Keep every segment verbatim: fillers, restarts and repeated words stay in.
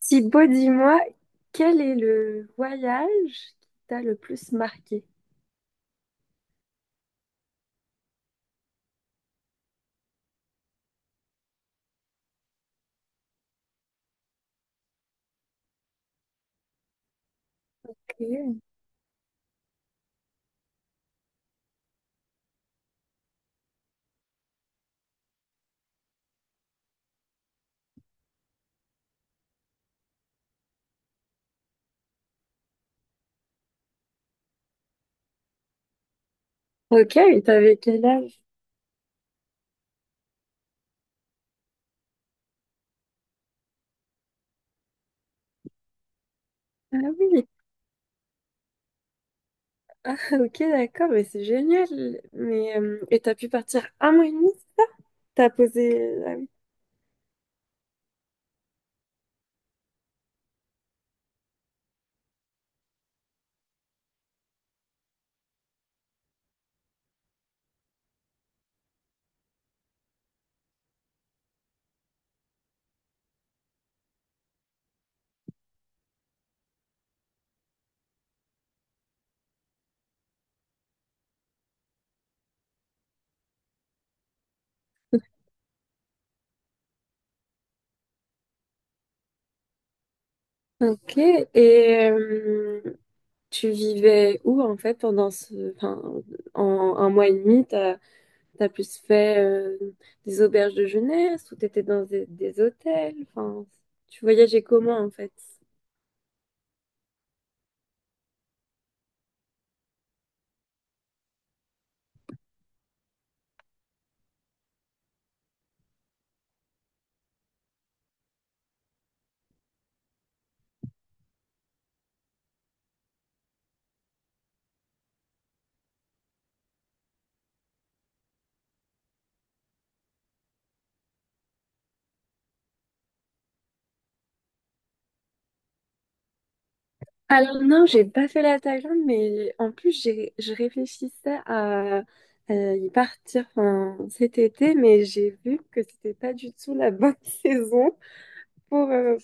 Thibaut, dis-moi, quel est le voyage qui t'a le plus marqué? Ok. Ok, et t'avais quel âge? Ah oui, ok, d'accord, mais c'est génial. Mais, euh, et t'as pu partir un mois et demi? T'as posé... Ah oui. Ok, et euh, tu vivais où en fait pendant ce... Enfin, en un mois et demi, t'as, t'as plus fait euh, des auberges de jeunesse ou t'étais dans des, des hôtels? Enfin, tu voyageais comment en fait? Alors non, j'ai pas fait la Thaïlande, mais en plus j'ai je réfléchissais à, à y partir enfin, cet été, mais j'ai vu que c'était pas du tout la bonne saison pour, euh,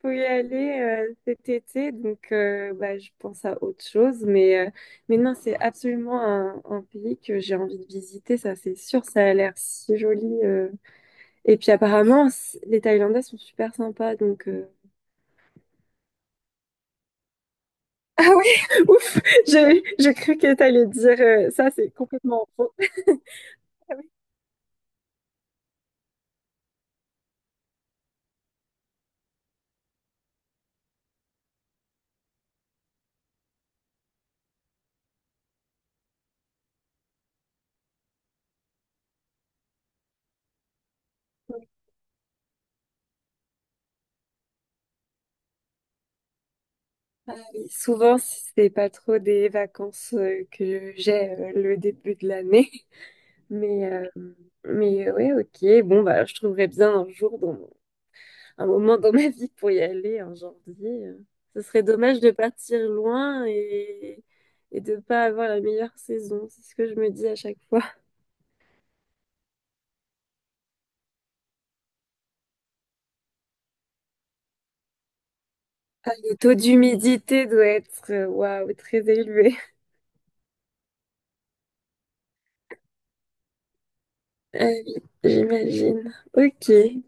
pour y aller euh, cet été. Donc euh, bah, je pense à autre chose, mais euh, mais non, c'est absolument un, un pays que j'ai envie de visiter, ça c'est sûr, ça a l'air si joli. euh. Et puis apparemment c- les Thaïlandais sont super sympas, donc. euh, Ah oui, ouf, j'ai j'ai cru que tu allais dire euh, ça, c'est complètement faux. Souvent, si c'est pas trop des vacances euh, que j'ai euh, le début de l'année. Mais, euh, mais euh, ouais, ok. Bon, bah, je trouverais bien un jour, dans, mon- un moment dans ma vie pour y aller en janvier. euh. Ce serait dommage de partir loin et, et de pas avoir la meilleure saison. C'est ce que je me dis à chaque fois. Ah, le taux d'humidité doit être, euh, waouh, très élevé. Euh, j'imagine. Ok. Eh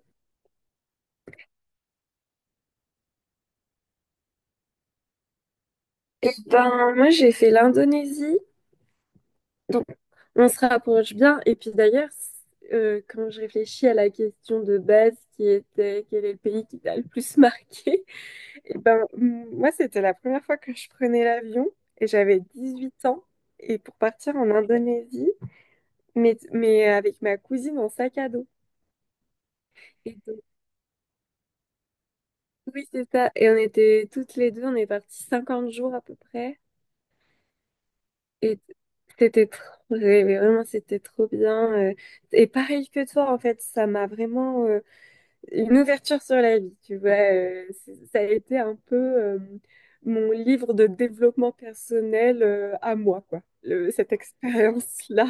ben, moi, j'ai fait l'Indonésie. Donc, on se rapproche bien. Et puis d'ailleurs, euh, quand je réfléchis à la question de base qui était quel est le pays qui t'a le plus marqué, eh ben, m- moi, c'était la première fois que je prenais l'avion et j'avais dix huit ans. Et pour partir en Indonésie, mais, mais avec ma cousine en sac à dos. Et donc, oui, c'est ça. Et on était toutes les deux, on est partis cinquante jours à peu près. Et c'était trop, mais vraiment, c'était trop bien. euh. Et pareil que toi, en fait, ça m'a vraiment euh, une ouverture sur la vie, tu vois. euh, c'est- ça a été un peu euh, mon livre de développement personnel euh, à moi, quoi, le- cette expérience-là.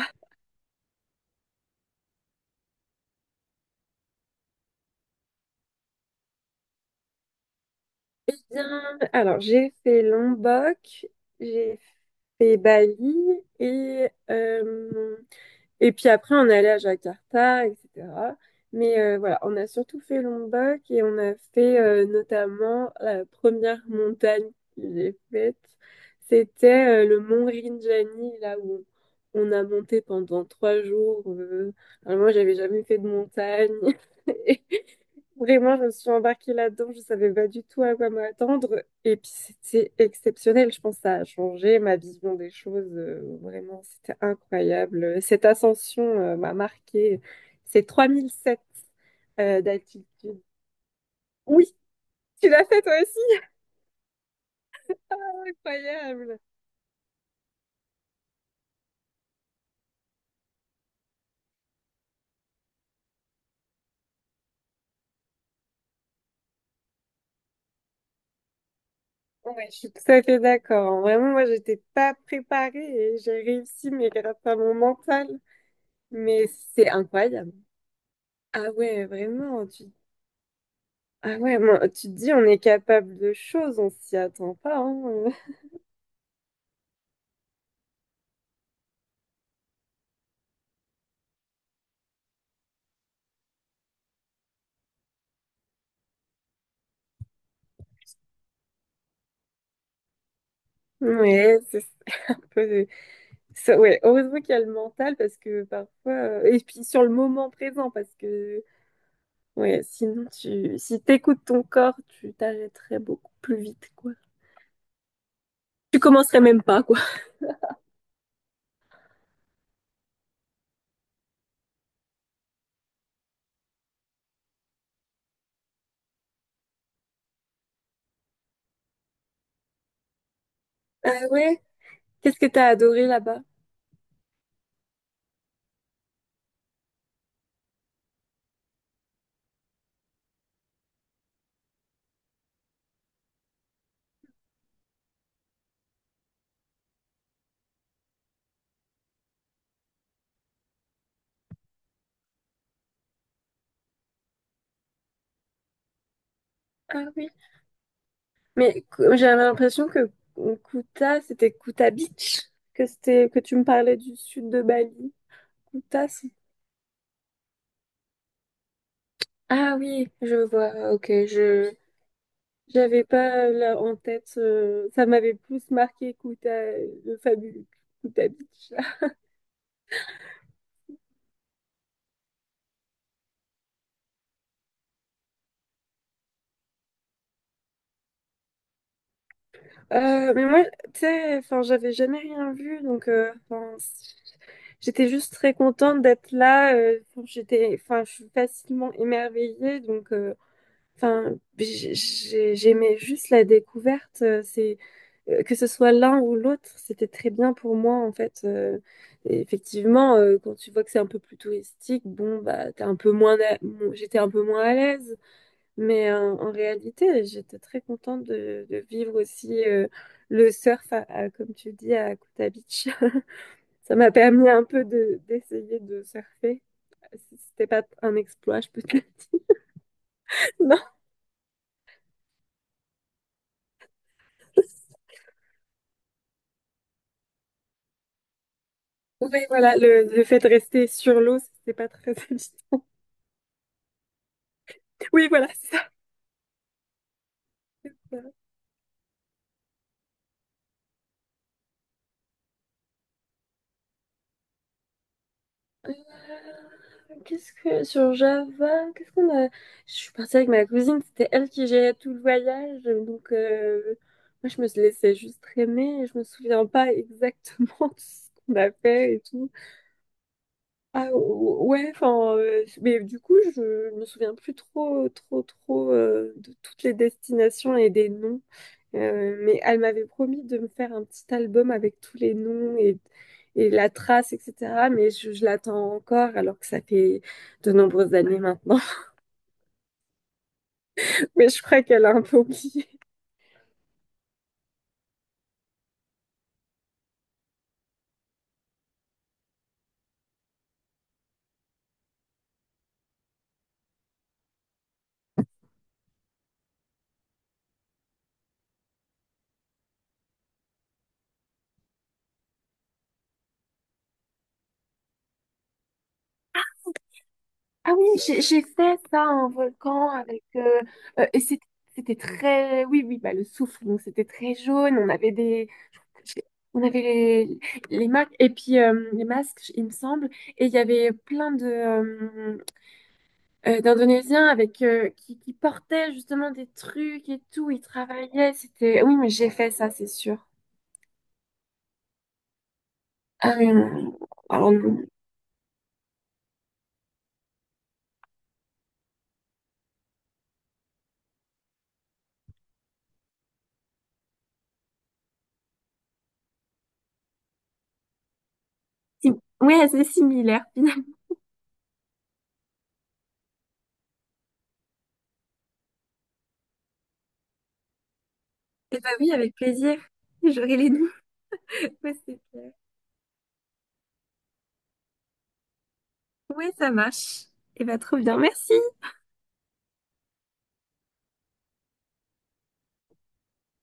Eh bien, alors, j'ai fait Lombok, j'ai fait Bali et euh, Et puis après, on est allé à Jakarta, et cetera. Mais euh, voilà, on a surtout fait Lombok et on a fait euh, notamment la première montagne que j'ai faite. C'était euh, le mont Rinjani, là où on a monté pendant trois jours. euh. Alors moi, j'avais jamais fait de montagne. Vraiment, je me suis embarquée là-dedans, je savais pas du tout à quoi m'attendre. Et puis c'était exceptionnel, je pense que ça a changé ma vision des choses. euh, vraiment, c'était incroyable. Cette ascension euh, m'a marquée. C'est trois mille sept euh, d'altitude. Oui, tu l'as fait toi aussi, incroyable. Ouais, je suis tout à fait d'accord. Vraiment, moi, j'étais pas préparée et j'ai réussi, mais grâce à mon mental. Mais c'est incroyable. Ah ouais, vraiment. Tu Ah ouais, moi, tu te dis, on est capable de choses, on s'y attend pas. Hein. euh. Ouais, c'est c'est un peu. de- ça- ouais, heureusement qu'il y a le mental parce que parfois. euh, Et puis sur le moment présent parce que. Ouais, sinon, tu... si t'écoutes ton corps, tu t'arrêterais beaucoup plus vite, quoi. Tu commencerais même pas, quoi. Ah ouais? Qu'est-ce que t'as adoré là-bas? Ah oui. Mais cou- j'avais l'impression que Kuta, c'était Kuta Beach, que c'était que tu me parlais du sud de Bali. Kuta, c'est Ah oui, je vois. Ok, je J'avais pas là en tête. Euh, ça m'avait plus marqué Kuta, le fabuleux Kuta Beach. Euh, mais moi, tu sais, enfin, j'avais jamais rien vu, donc euh, enfin, j'étais juste très contente d'être là. euh, j'étais, enfin, je suis facilement émerveillée, donc. euh, Enfin, j'ai- j'ai- j'aimais juste la découverte. euh, C'est euh, que ce soit l'un ou l'autre, c'était très bien pour moi en fait. Euh, et effectivement, euh, quand tu vois que c'est un peu plus touristique, bon bah t'es un peu moins, à- bon, j'étais un peu moins à l'aise. Mais euh, en réalité, j'étais très contente de, de vivre aussi euh, le surf, à- à- comme tu dis, à Kuta Beach. Ça m'a permis un peu de d'essayer de surfer. C'était pas un exploit, je peux te le dire. Non. Oui, voilà, le, le fait de rester sur l'eau, c'est pas très habituel. Oui, voilà, c'est ça. Qu'est-ce que sur Java, qu'est-ce qu'on a? Je suis partie avec ma cousine, c'était elle qui gérait tout le voyage, donc euh, moi je me suis laissée juste traîner, et je me souviens pas exactement de ce qu'on a fait et tout. Ah ou- ouais, enfin, euh, mais du coup je me souviens plus trop, trop, trop euh, de toutes les destinations et des noms. Euh, mais elle m'avait promis de me faire un petit album avec tous les noms et, et la trace, et cetera. Mais je, je l'attends encore alors que ça fait de nombreuses années maintenant. Mais je crois qu'elle a un peu oublié. Ah oui, j'ai j'ai fait ça en volcan avec euh, euh, et c'était c'était très oui oui bah le soufre donc c'était très jaune on avait des on avait les, les marques et puis euh, les masques il me semble et il y avait plein de euh, euh, d'Indonésiens avec euh, qui, qui portaient justement des trucs et tout, ils travaillaient, c'était... Oui, mais j'ai fait ça, c'est sûr. Euh, alors, Si- Oui, c'est similaire finalement. Eh bah oui, avec plaisir. J'aurai les noms. Ouais, c'est clair. Ouais, ça marche. Eh bah trop bien, merci.